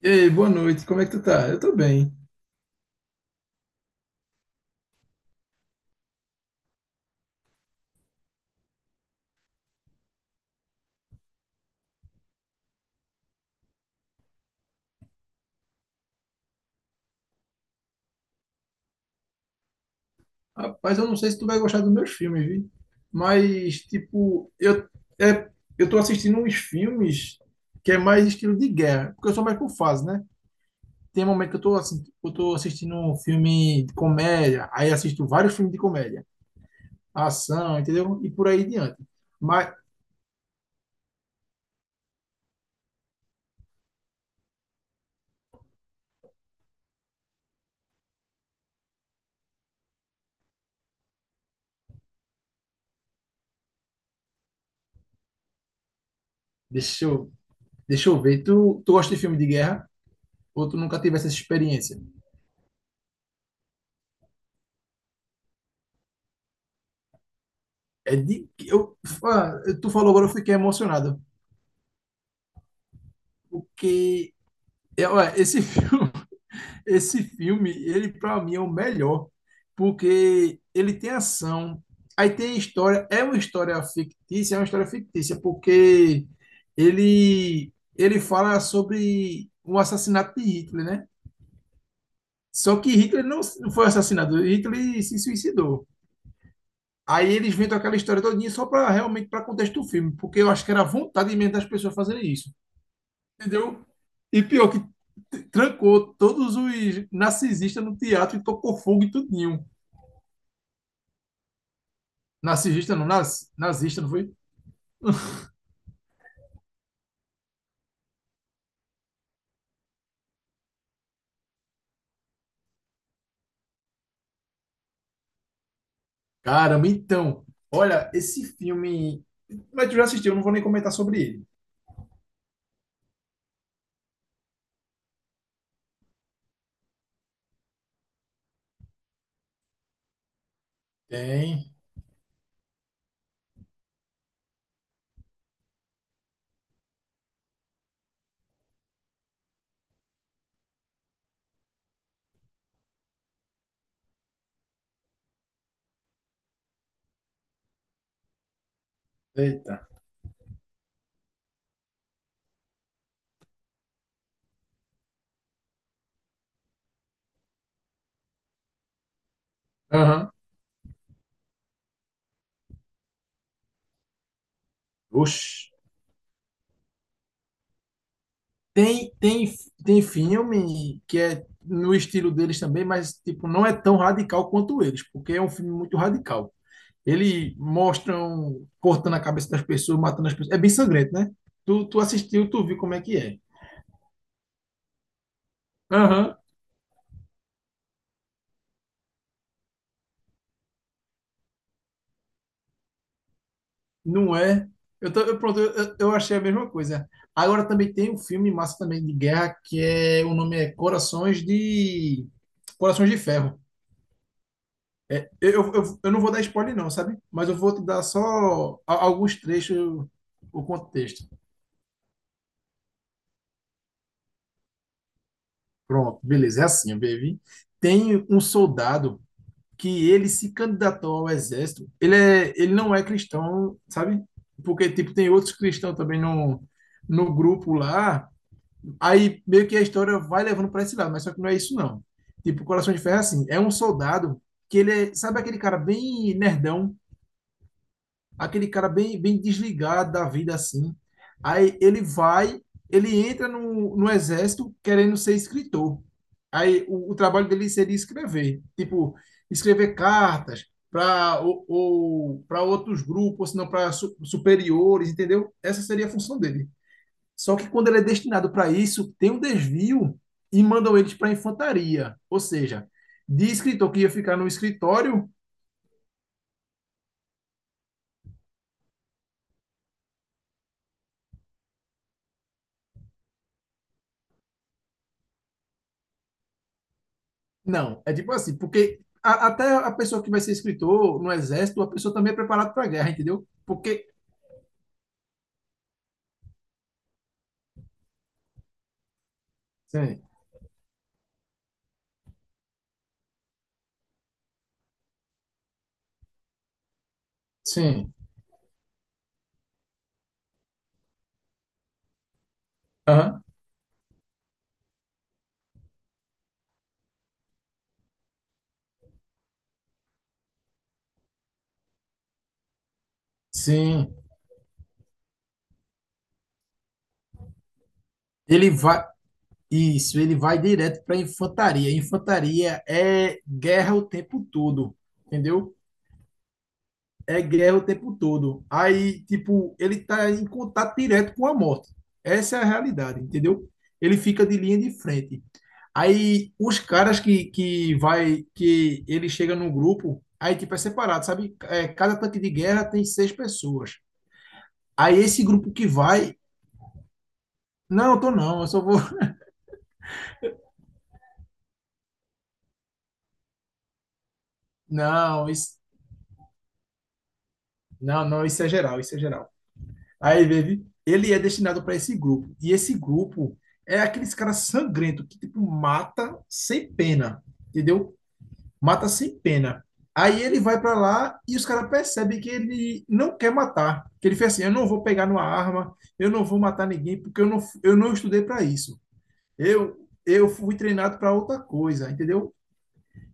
Ei, boa noite, como é que tu tá? Eu tô bem. Rapaz, eu não sei se tu vai gostar dos meus filmes, viu? Mas, tipo, é, eu tô assistindo uns filmes que é mais estilo de guerra, porque eu sou mais por fase, né? Tem um momento que eu tô assistindo um filme de comédia, aí assisto vários filmes de comédia, ação, entendeu? E por aí diante. Mas, deixa eu, deixa eu ver, tu gosta de filme de guerra ou tu nunca teve essa experiência? É de, eu, ah, Tu falou agora, eu fiquei emocionado, porque é, ué, esse filme, esse filme, ele para mim é o melhor, porque ele tem ação, aí tem história, é uma história fictícia, porque ele fala sobre o assassinato de Hitler, né? Só que Hitler não foi assassinado, Hitler se suicidou. Aí eles inventam aquela história todinha só para realmente para contexto do filme, porque eu acho que era vontade mesmo das pessoas fazerem isso. Entendeu? E pior que trancou todos os narcisistas no teatro e tocou fogo e tudinho. Narcisista não, nazista, não foi? Caramba, então, olha, esse filme. Mas tu já assistiu, eu não vou nem comentar sobre ele. Tem. Eita. Aham. Oxi. Tem, tem, tem filme que é no estilo deles também, mas tipo, não é tão radical quanto eles, porque é um filme muito radical. Ele mostram cortando a cabeça das pessoas, matando as pessoas. É bem sangrento, né? Tu assistiu, tu viu como é que é. Aham, não é. Eu, tô, eu, pronto, eu achei a mesma coisa. Agora também tem um filme massa também de guerra que é, o nome é Corações de Ferro. Eu não vou dar spoiler não, sabe? Mas eu vou te dar só alguns trechos, o contexto. Pronto, beleza, é assim, baby. Tem um soldado que ele se candidatou ao exército. Ele não é cristão, sabe? Porque, tipo, tem outros cristãos também no grupo lá. Aí meio que a história vai levando para esse lado, mas só que não é isso, não. Tipo, Coração de Ferro é assim: é um soldado que ele é, sabe aquele cara bem nerdão, aquele cara bem, bem desligado da vida assim. Aí ele entra no exército querendo ser escritor. Aí o trabalho dele seria escrever, tipo, escrever cartas para ou para outros grupos, ou se não para superiores, entendeu? Essa seria a função dele. Só que quando ele é destinado para isso, tem um desvio e mandam eles para a infantaria, ou seja, de escritor que ia ficar no escritório. Não, é tipo assim, porque até a pessoa que vai ser escritor no exército, a pessoa também é preparada para a guerra, entendeu? Porque. Sim, sim, aham, sim. Ele vai. Isso, ele vai direto para a infantaria. Infantaria é guerra o tempo todo, entendeu? É guerra o tempo todo. Aí, tipo, ele tá em contato direto com a morte. Essa é a realidade, entendeu? Ele fica de linha de frente. Aí os caras que vai, que ele chega no grupo, aí tipo é separado, sabe? É, cada tanque de guerra tem seis pessoas. Aí esse grupo que vai, Não, eu tô não, eu só vou. Não, isso, não, não, isso é geral, isso é geral. Aí, baby, ele é destinado para esse grupo. E esse grupo é aqueles caras sangrentos, que, tipo, mata sem pena, entendeu? Mata sem pena. Aí ele vai para lá e os caras percebem que ele não quer matar. Que ele fez assim: eu não vou pegar numa arma, eu não vou matar ninguém, porque eu não estudei para isso. Eu fui treinado para outra coisa, entendeu?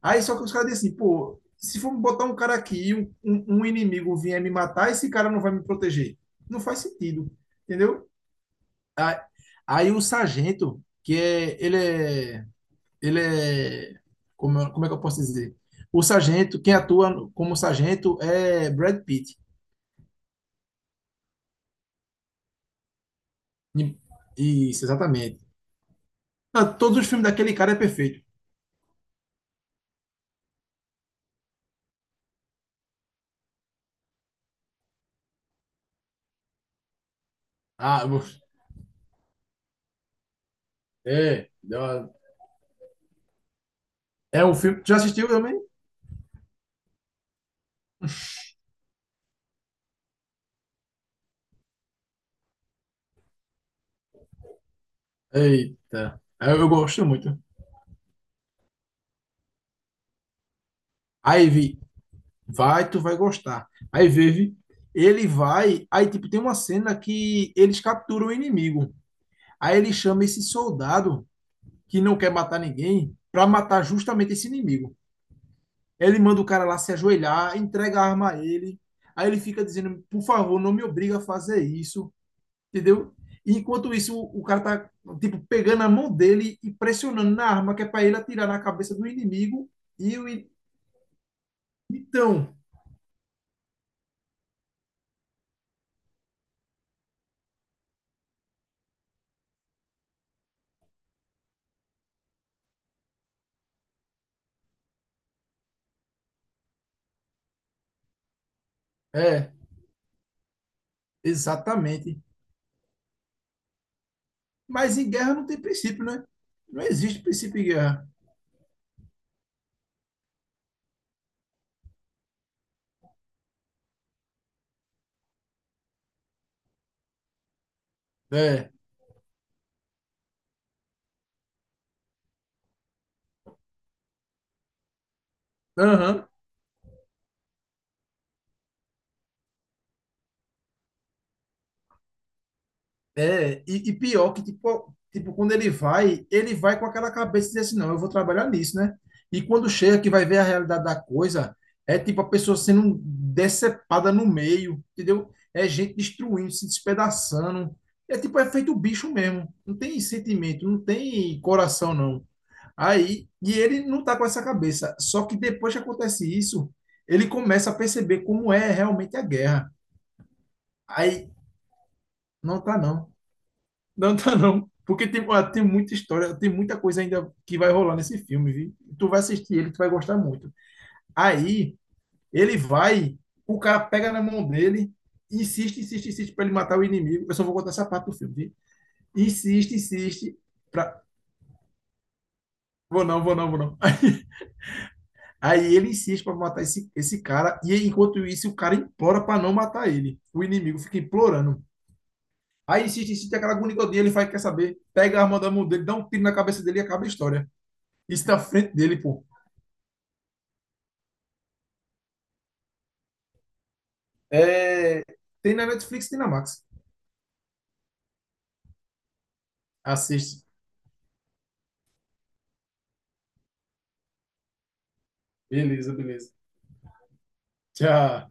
Aí só que os caras dizem assim: pô, se for botar um cara aqui e um inimigo vier me matar, esse cara não vai me proteger. Não faz sentido, entendeu? Aí o sargento, que é, ele é, ele é, como, é- como é que eu posso dizer? O sargento, quem atua como sargento é Brad Pitt. E- Isso, exatamente. Não, todos os filmes daquele cara é perfeito. Ah, é, dá- é um filme. Já assistiu também? Eita, eu gosto muito. Aí vi, Tu vai gostar. Aí vive, ele vai, aí tipo tem uma cena que eles capturam o inimigo. Aí ele chama esse soldado que não quer matar ninguém para matar justamente esse inimigo. Ele manda o cara lá se ajoelhar, entrega a arma a ele. Aí ele fica dizendo, por favor, não me obriga a fazer isso, entendeu? E enquanto isso, o cara tá, tipo, pegando a mão dele e pressionando na arma que é para ele atirar na cabeça do inimigo. E o... in- Então, é, exatamente. Mas em guerra não tem princípio, né? Não existe princípio em guerra. É, aham. É, e pior que, tipo, quando ele vai, com aquela cabeça de dizer assim, não, eu vou trabalhar nisso, né? E quando chega que vai ver a realidade da coisa, é tipo a pessoa sendo decepada no meio, entendeu? É gente destruindo, se despedaçando. É tipo, é feito bicho mesmo. Não tem sentimento, não tem coração, não. Aí, e ele não tá com essa cabeça. Só que depois que acontece isso, ele começa a perceber como é realmente a guerra. Aí, não tá, não. Não tá não. Porque tem, ó, tem muita história, tem muita coisa ainda que vai rolar nesse filme, viu? Tu vai assistir ele, tu vai gostar muito. Aí, ele vai, o cara pega na mão dele, insiste, insiste, insiste pra ele matar o inimigo. Eu só vou contar essa parte do filme, viu? Insiste, insiste pra... Vou não, vou não, vou não. Aí ele insiste pra matar esse cara, e enquanto isso, o cara implora pra não matar ele. O inimigo fica implorando. Aí insiste, insiste, aquela agonia, ele faz, quer saber, pega a arma da mão dele, dá um tiro na cabeça dele e acaba a história. Isso na frente dele, pô. É, tem na Netflix, tem na Max. Assiste. Beleza, beleza. Tchau.